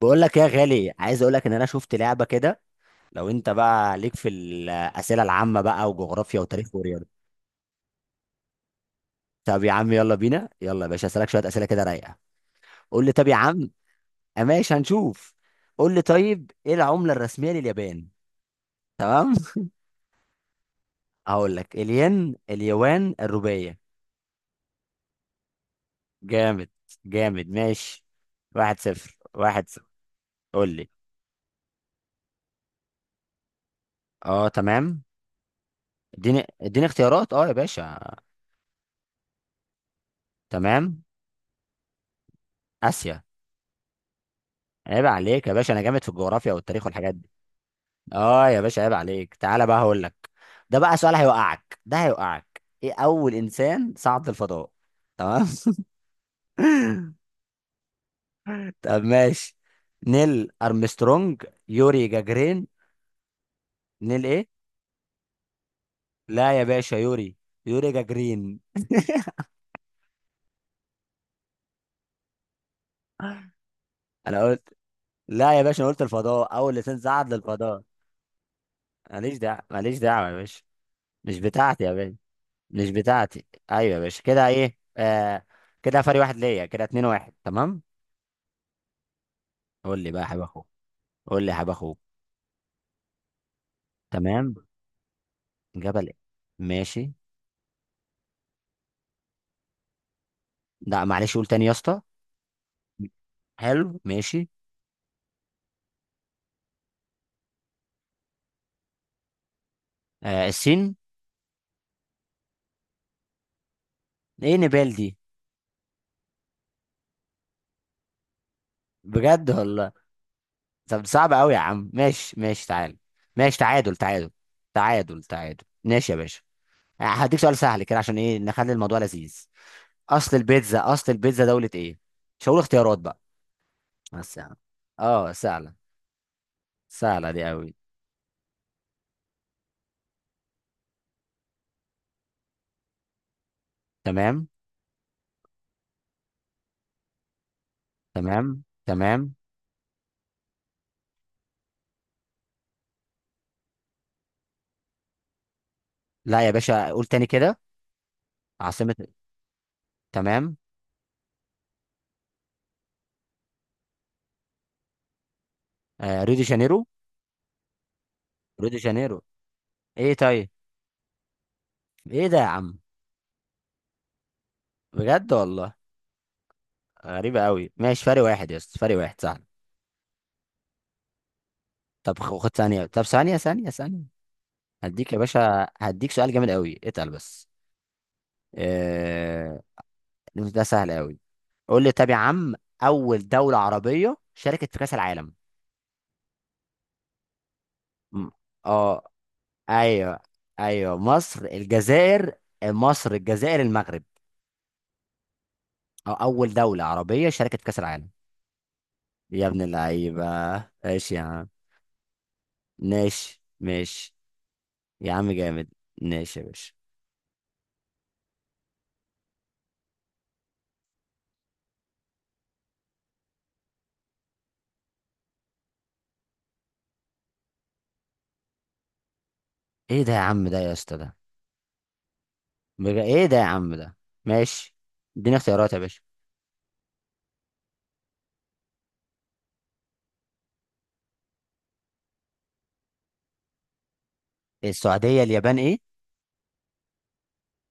بقول لك يا غالي، عايز اقول لك ان انا شفت لعبه كده. لو انت بقى ليك في الاسئله العامه بقى وجغرافيا وتاريخ ورياضه. طب يا عم يلا بينا، يلا يا باشا اسالك شويه اسئله كده رايقه. قول لي طب يا عم. آه ماشي، هنشوف. قول لي طيب، ايه العمله الرسميه لليابان؟ تمام. هقول لك: الين، اليوان، الروبيه. جامد. جامد ماشي. واحد صفر، واحد صفر. قول لي. اه تمام. اديني اختيارات اه يا باشا. تمام. اسيا. عيب عليك يا باشا، انا جامد في الجغرافيا والتاريخ والحاجات دي. اه يا باشا عيب عليك، تعالى بقى هقول لك. ده بقى سؤال هيوقعك، ده هيوقعك. ايه اول انسان صعد الفضاء؟ تمام. طب ماشي. نيل ارمسترونج، يوري جاجرين. نيل ايه؟ لا يا باشا، يوري. يوري جاجرين. انا قلت، لا يا باشا انا قلت الفضاء، اول انسان صعد للفضاء. ماليش دعوه، ماليش دعوه يا باشا. مش بتاعتي يا باشا. مش بتاعتي. ايوه يا باشا كده، ايه آه. كده فرق واحد ليا، كده اتنين واحد. تمام. قول لي بقى يا حبيبي. قول لي يا حبيب اخوك. تمام. جبل. ماشي. لا معلش، قول تاني يا اسطى. حلو ماشي. آه، السين. ايه نبال دي؟ بجد والله؟ طب صعب قوي يا عم، ماشي ماشي تعال. ماشي، تعادل تعادل. تعادل تعادل، ماشي يا باشا. هديك سؤال سهل كده، عشان ايه نخلي الموضوع لذيذ. اصل البيتزا، اصل البيتزا دولة ايه؟ مش هقول اختيارات بقى. بس يعني. اه سهلة. سهلة دي قوي. تمام تمام. تمام. لا يا باشا، قول تاني كده. عاصمة. تمام. آه، ريو دي جانيرو. ريو دي جانيرو. ايه طيب؟ ايه ده يا عم؟ بجد والله؟ غريبة قوي. ماشي، فرق واحد يا اسطى، فرق واحد صح. طب خد ثانية، طب ثانية ثانية ثانية. هديك يا باشا، هديك سؤال جامد قوي، اتقل بس. آه... ده سهل قوي. قول لي طب يا عم، أول دولة عربية شاركت في كأس العالم. م- اه. ايوه. ايوه مصر، الجزائر. مصر، الجزائر، المغرب. أو أول دولة عربية شاركت في كأس العالم. يا ابن اللعيبة. ايش يا عم. ماشي ماشي. يا عم جامد. ماشي يا باشا. ايه ده يا عم؟ ده يا اسطى ده؟ ايه ده يا عم ده؟ ماشي. اديني اختيارات يا باشا. السعودية، اليابان، ايه؟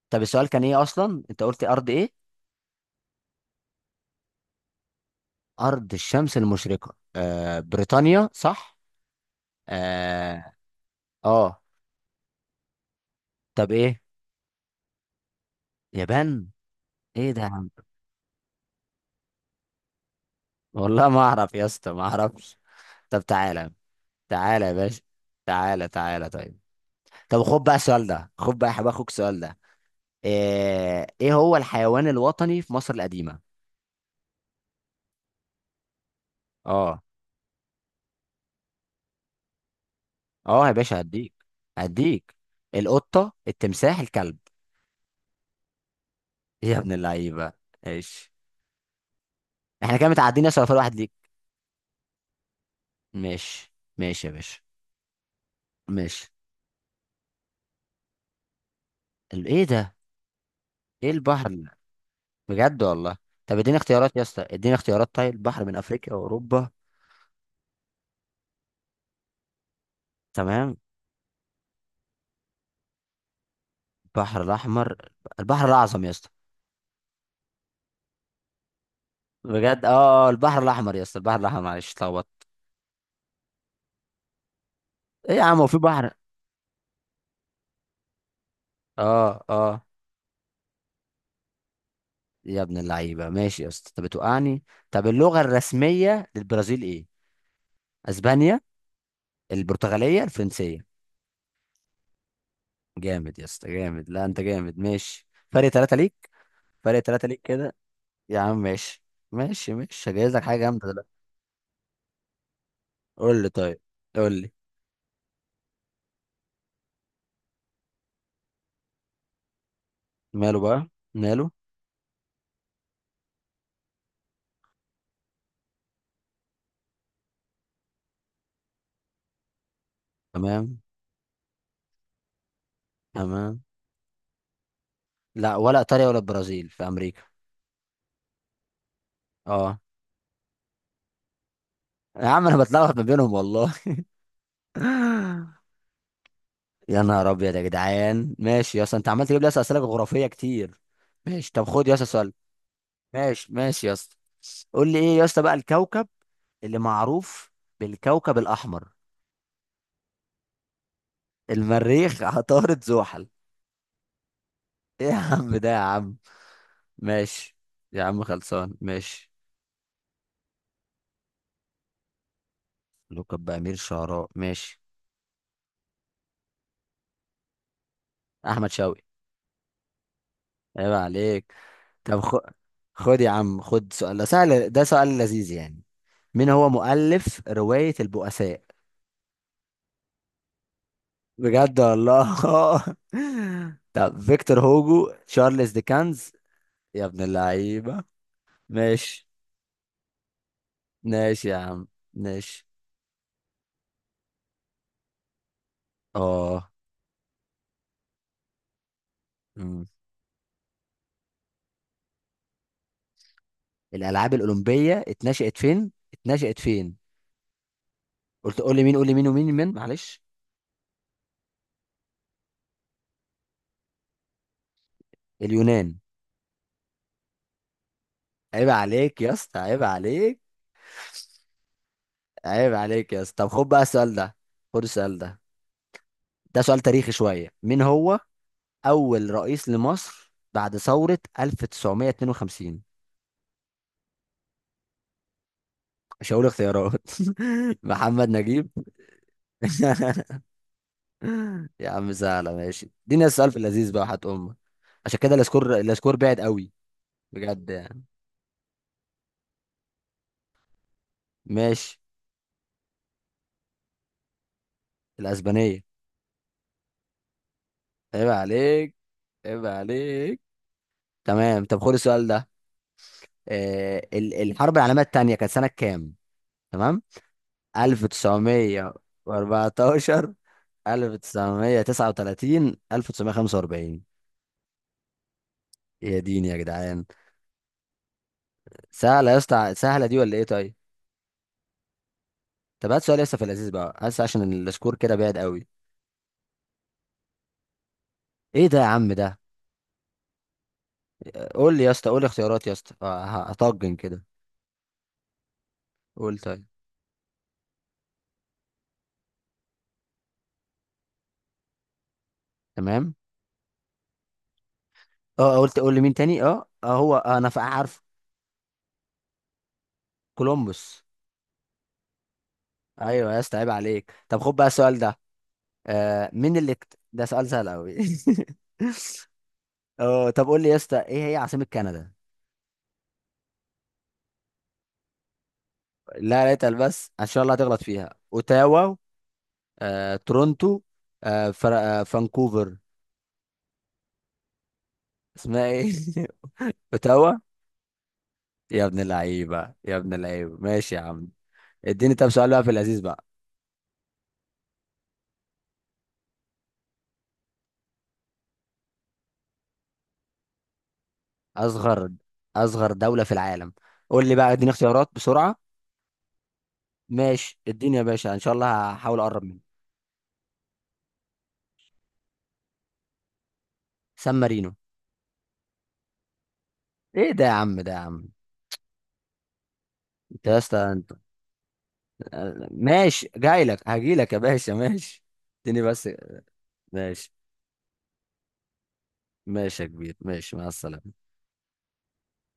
طب السؤال كان ايه اصلا؟ انت قلت ارض ايه؟ ارض الشمس المشرقة. آه، بريطانيا صح. اه. اه. طب ايه؟ يابان. ايه ده يا عم؟ والله ما اعرف يا اسطى، ما اعرفش. طب تعالى. تعالى يا باشا. تعالى تعالى طيب. طب خد بقى السؤال ده، خد بقى يا حبيبي اخوك السؤال ده. آه، ايه هو الحيوان الوطني في مصر القديمة؟ اه. اه يا باشا، هديك. هديك. القطة، التمساح، الكلب. يا ابن اللعيبة. ماشي. احنا كده متعدين يا صفر واحد ليك. ماشي ماشي يا باشا. ماشي. ايه ده؟ ايه البحر بجد والله؟ طب اديني اختيارات يا اسطى، اديني اختيارات طيب. البحر من افريقيا واوروبا. تمام. البحر الاحمر. البحر الاعظم يا اسطى. بجد اه. آه، البحر الاحمر يا اسطى، البحر الاحمر، معلش اتلخبطت. ايه يا عم، هو في بحر؟ اه اه. يا ابن اللعيبه، ماشي يا اسطى، انت بتوقعني. طب اللغه الرسميه للبرازيل ايه؟ اسبانيا. البرتغاليه، الفرنسيه. جامد يا اسطى، جامد. لا انت جامد ماشي. فرق ثلاثة ليك. فرق ثلاثة ليك كده. يا عم ماشي. ماشي ماشي، هجهز لك حاجه جامده دلوقتي. قول لي طيب. قول لي. ماله بقى؟ ماله؟ تمام. تمام. لا، ولا ايطاليا ولا البرازيل، في امريكا. اه. يا عم انا بتلخبط ما بينهم والله. يا نهار ابيض يا جدعان، ماشي يا اسطى، انت عمال تجيب لي يا اسطى اسئله جغرافيه كتير. ماشي، طب خد يا اسطى سؤال. ماشي ماشي يا اسطى. قول لي ايه يا اسطى بقى الكوكب اللي معروف بالكوكب الاحمر؟ المريخ. عطارد، زحل. ايه يا عم ده يا عم؟ ماشي. يا عم خلصان ماشي. لقب بأمير شعراء. ماشي. احمد شوقي. عيب عليك. طب خد يا عم، خد سؤال. ده سهل، ده سؤال لذيذ يعني. مين هو مؤلف رواية البؤساء؟ بجد والله. طب فيكتور هوجو، تشارلز ديكنز. يا ابن اللعيبة. ماشي. ماشي يا عم. ماشي. اه. أمم. الألعاب الأولمبية اتنشأت فين؟ اتنشأت فين؟ قلت قول لي مين، قول لي مين معلش. اليونان. عيب عليك يا اسطى، عيب عليك. عيب عليك يا اسطى. طب خد بقى السؤال ده. خد السؤال ده. ده سؤال تاريخي شوية. مين هو أول رئيس لمصر بعد ثورة 1952؟ مش هقول اختيارات. محمد نجيب. يا عم سهلة. ماشي، اديني السؤال في اللذيذ بقى، حت امك. عشان كده الاسكور، الاسكور بعد قوي. بجد يعني. ماشي. الاسبانية. عيب عليك. عيب عليك. تمام. طب خد السؤال ده. آه، الحرب العالمية التانية كانت سنة كام؟ تمام. 1914، 1939، 1945. يا ديني يا جدعان. سهلة يا اسطى، سهلة دي ولا ايه طيب. طب هات سؤال لسه في اللذيذ بقى، هات، عشان السكور كده بعيد قوي. ايه ده يا عم ده؟ قول لي يا اسطى، قول لي اختيارات يا اسطى، هطجن كده. قول طيب. تمام. اه قلت قول لي مين تاني؟ اه، هو انا عارف. كولومبوس. ايوه يا اسطى، عيب عليك. طب خد بقى السؤال ده. آه، ده سؤال سهل قوي. اه طب قول لي يا اسطى، ايه هي عاصمة كندا؟ لا لا، اتقل بس، ان شاء الله هتغلط فيها. اوتاوا. تورونتو. فانكوفر. اسمها ايه؟ اوتاوا. يا ابن اللعيبة، يا ابن اللعيبة، ماشي يا عم. اديني طب سؤال بقى في اللذيذ بقى. اصغر اصغر دولة في العالم. قول لي بقى، اديني اختيارات بسرعة. ماشي، اديني يا باشا، ان شاء الله هحاول اقرب منه. سان مارينو. ايه ده يا عم ده يا عم؟ انت يا اسطى انت. ماشي جاي لك، هجي لك يا باشا، ماشي. اديني بس. ماشي. ماشي يا كبير، ماشي مع السلامة.